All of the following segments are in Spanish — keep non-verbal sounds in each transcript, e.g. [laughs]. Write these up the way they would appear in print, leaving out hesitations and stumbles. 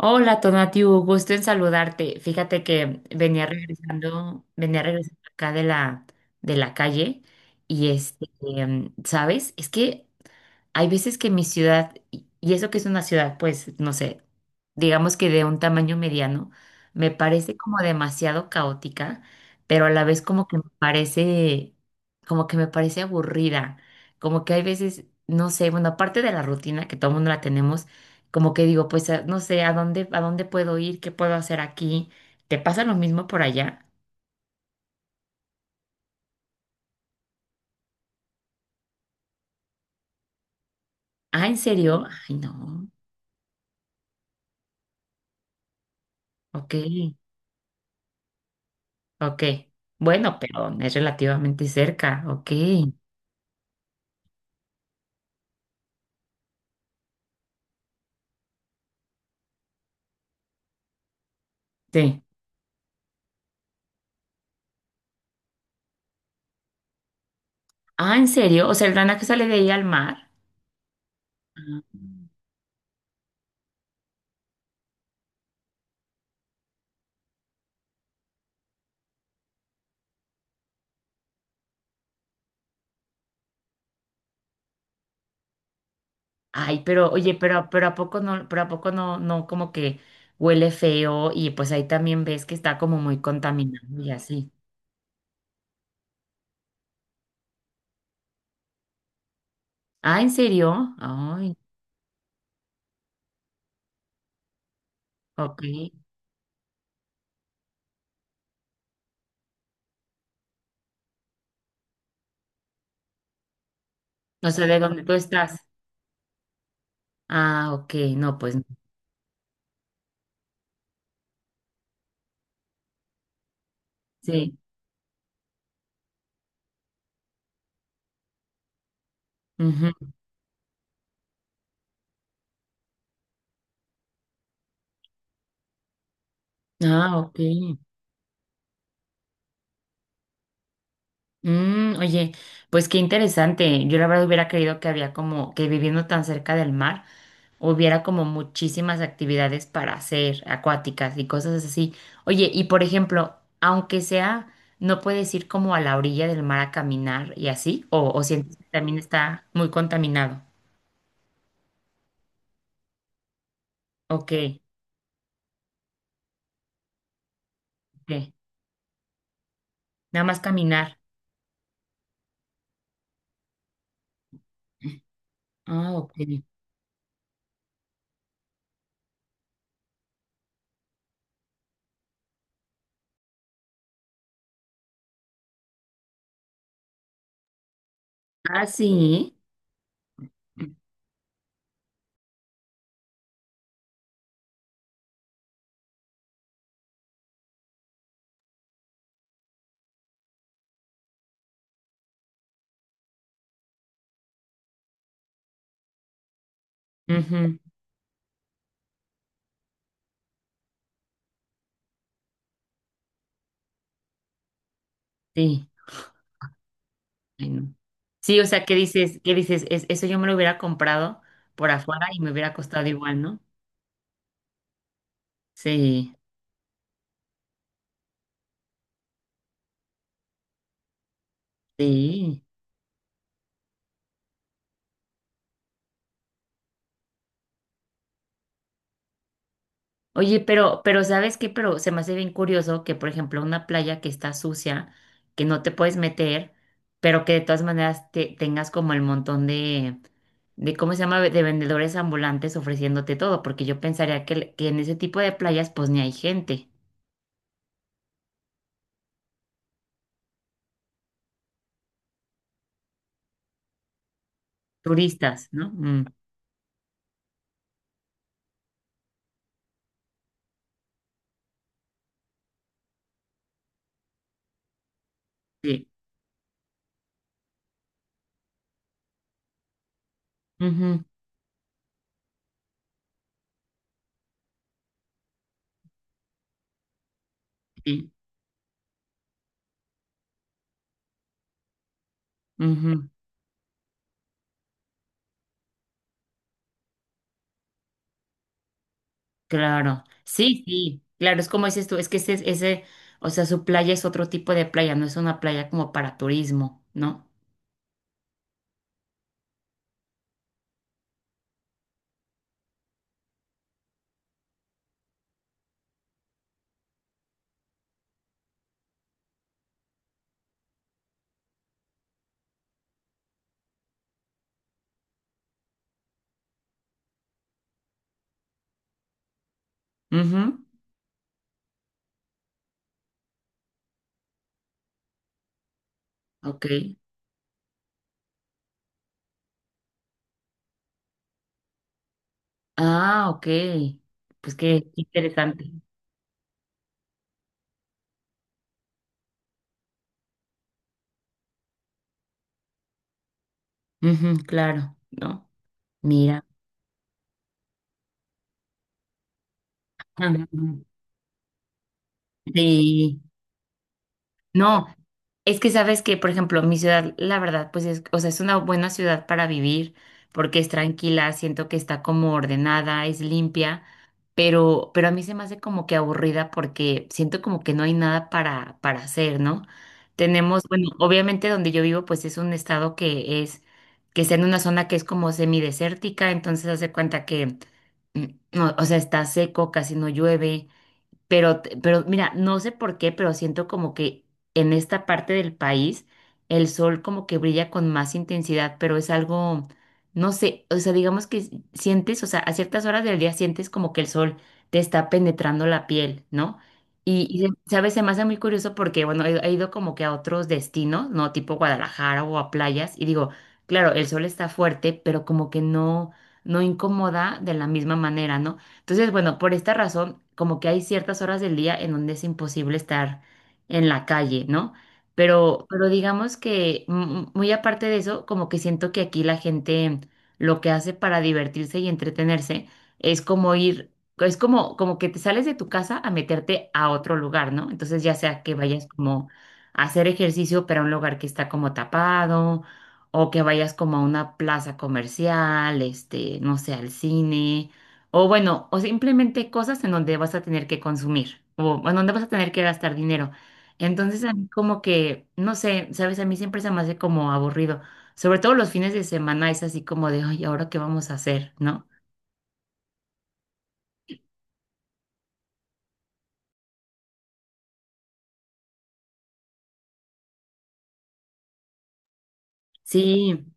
Hola, Tonatiu, gusto en saludarte. Fíjate que venía regresando acá de la calle y ¿sabes? Es que hay veces que mi ciudad, y eso que es una ciudad, pues, no sé, digamos que de un tamaño mediano, me parece como demasiado caótica, pero a la vez como que me parece, como que me parece aburrida, como que hay veces, no sé, bueno, aparte de la rutina que todo el mundo la tenemos, como que digo, no sé, a dónde puedo ir? ¿Qué puedo hacer aquí? ¿Te pasa lo mismo por allá? Ah, ¿en serio? Ay, no. Ok, ok. Bueno, pero es relativamente cerca, ok. Sí. Ah, ¿en serio? O sea, el Rana que sale de ahí al mar. Ah. Ay, pero oye, pero a poco no, pero a poco no, no como que huele feo y pues ahí también ves que está como muy contaminado y así. Ah, ¿en serio? Ay, ok. No sé de dónde tú estás. Ah, ok, no, pues no. Sí. Ujú. Ah, ok. Mm, oye, pues qué interesante. Yo la verdad hubiera creído que había como que viviendo tan cerca del mar hubiera como muchísimas actividades para hacer, acuáticas y cosas así. Oye, y por ejemplo, aunque sea, ¿no puedes ir como a la orilla del mar a caminar y así? O sientes que también está muy contaminado? Ok, ok. Nada más caminar. Ah, ok. Ah, sí. Ujú, sí. Ay, no. Sí, o sea, ¿qué dices? ¿Qué dices? Eso yo me lo hubiera comprado por afuera y me hubiera costado igual, ¿no? Sí, sí. Oye, pero ¿sabes qué? Pero se me hace bien curioso que, por ejemplo, una playa que está sucia, que no te puedes meter, pero que de todas maneras tengas como el montón de, ¿cómo se llama? De vendedores ambulantes ofreciéndote todo, porque yo pensaría que en ese tipo de playas pues ni hay gente, turistas, ¿no? Mm, sí. Ujú, sí. Ujú. Claro, sí, sí, claro, es como dices tú, es que ese, o sea, su playa es otro tipo de playa, no es una playa como para turismo, ¿no? Mhm. Ok. Ah, ok. Pues qué interesante. Ujú, claro, ¿no? Mira. [laughs] Ujú. Sí. No, es que sabes que, por ejemplo, mi ciudad, la verdad, pues es, o sea, es una buena ciudad para vivir porque es tranquila, siento que está como ordenada, es limpia, pero a mí se me hace como que aburrida porque siento como que no hay nada para, para hacer, ¿no? Tenemos, bueno, obviamente donde yo vivo, pues es un estado que es, que está en una zona que es como semidesértica, entonces hace cuenta que, mm, no, o sea, está seco, casi no llueve pero, pero mira, no sé por qué, pero siento como que en esta parte del país el sol como que brilla con más intensidad, pero es algo, no sé, o sea, digamos que sientes, o sea, a ciertas horas del día sientes como que el sol te está penetrando la piel, ¿no? Y, sabes, se me hace muy curioso porque, bueno, he ido como que a otros destinos, ¿no? Tipo Guadalajara o a playas, y digo, claro, el sol está fuerte, pero como que no, no incomoda de la misma manera, ¿no? Entonces, bueno, por esta razón, como que hay ciertas horas del día en donde es imposible estar en la calle, ¿no? Pero digamos que muy aparte de eso, como que siento que aquí la gente lo que hace para divertirse y entretenerse es como ir, es como, como que te sales de tu casa a meterte a otro lugar, ¿no? Entonces, ya sea que vayas como a hacer ejercicio, pero a un lugar que está como tapado, o que vayas como a una plaza comercial, este, no sé, al cine. O bueno, o simplemente cosas en donde vas a tener que consumir o en donde vas a tener que gastar dinero. Entonces, a mí como que, no sé, sabes, a mí siempre se me hace como aburrido. Sobre todo los fines de semana es así como de, ay, ¿ahora qué vamos a hacer? ¿No? Sí,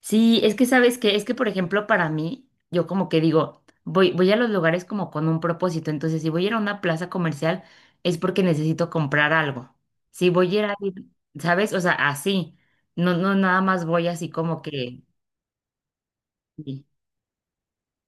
sí, es que sabes que, es que por ejemplo para mí, yo como que digo, voy a los lugares como con un propósito. Entonces, si voy a ir a una plaza comercial es porque necesito comprar algo. Si voy a ir a, ¿sabes? O sea, así. No, no, nada más voy así como que sí.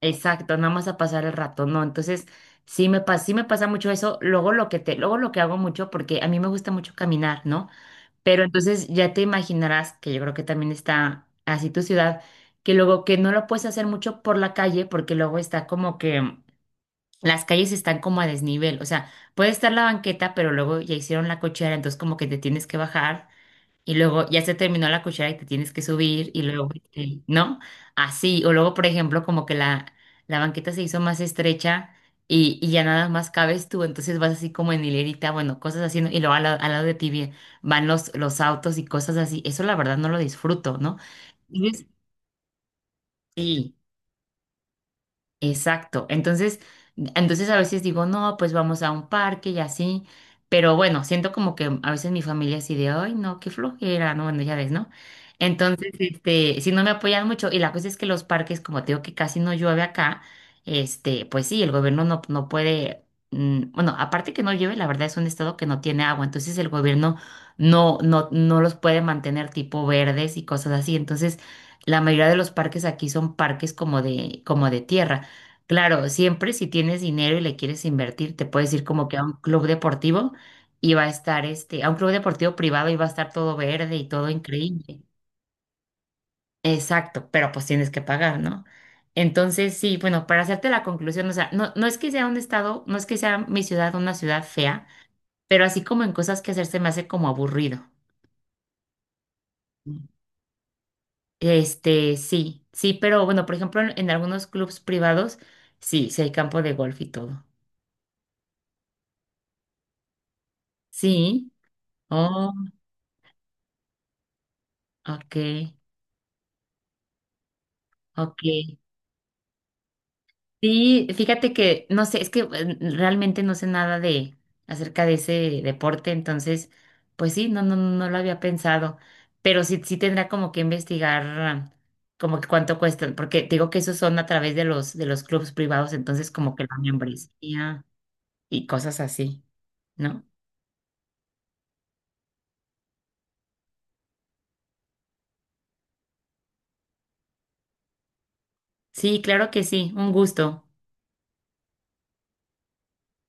Exacto, nada más a pasar el rato, ¿no? Entonces, sí me pasa mucho eso. Luego lo que hago mucho, porque a mí me gusta mucho caminar, ¿no? Pero entonces ya te imaginarás, que yo creo que también está así tu ciudad, que luego que no lo puedes hacer mucho por la calle, porque luego está como que las calles están como a desnivel. O sea, puede estar la banqueta, pero luego ya hicieron la cochera, entonces como que te tienes que bajar. Y luego ya se terminó la cuchara y te tienes que subir y luego, este, ¿no? Así. O luego, por ejemplo, como que la banqueta se hizo más estrecha y ya nada más cabes tú, entonces vas así como en hilerita, bueno, cosas así, ¿no? Y luego al lado de ti van los autos y cosas así. Eso la verdad no lo disfruto, ¿no? Entonces, sí. Exacto. Entonces, entonces a veces digo, no, pues vamos a un parque y así. Pero bueno, siento como que a veces mi familia así de, ay, no, qué flojera, no, bueno, ya ves, ¿no? Entonces, este, si no me apoyan mucho, y la cosa es que los parques, como te digo que casi no llueve acá, este, pues sí, el gobierno no, no puede, bueno, aparte que no llueve, la verdad es un estado que no tiene agua, entonces el gobierno no los puede mantener tipo verdes y cosas así. Entonces, la mayoría de los parques aquí son parques como de tierra. Claro, siempre si tienes dinero y le quieres invertir, te puedes ir como que a un club deportivo y va a estar este, a un club deportivo privado y va a estar todo verde y todo increíble. Exacto, pero pues tienes que pagar, ¿no? Entonces, sí, bueno, para hacerte la conclusión, o sea, no, no es que sea un estado, no es que sea mi ciudad una ciudad fea, pero así como en cosas que hacerse me hace como aburrido. Mm. Este, sí, sí, pero bueno, por ejemplo, en algunos clubs privados, sí, sí hay campo de golf y todo. Sí, oh, ok. Ok. Sí, fíjate que no sé, es que realmente no sé nada de acerca de ese deporte, entonces, pues sí, no, no, no lo había pensado, pero sí, sí tendrá como que investigar ah, como que cuánto cuestan, porque te digo que esos son a través de los clubes privados, entonces como que la membresía y cosas así, ¿no? Sí, claro que sí, un gusto.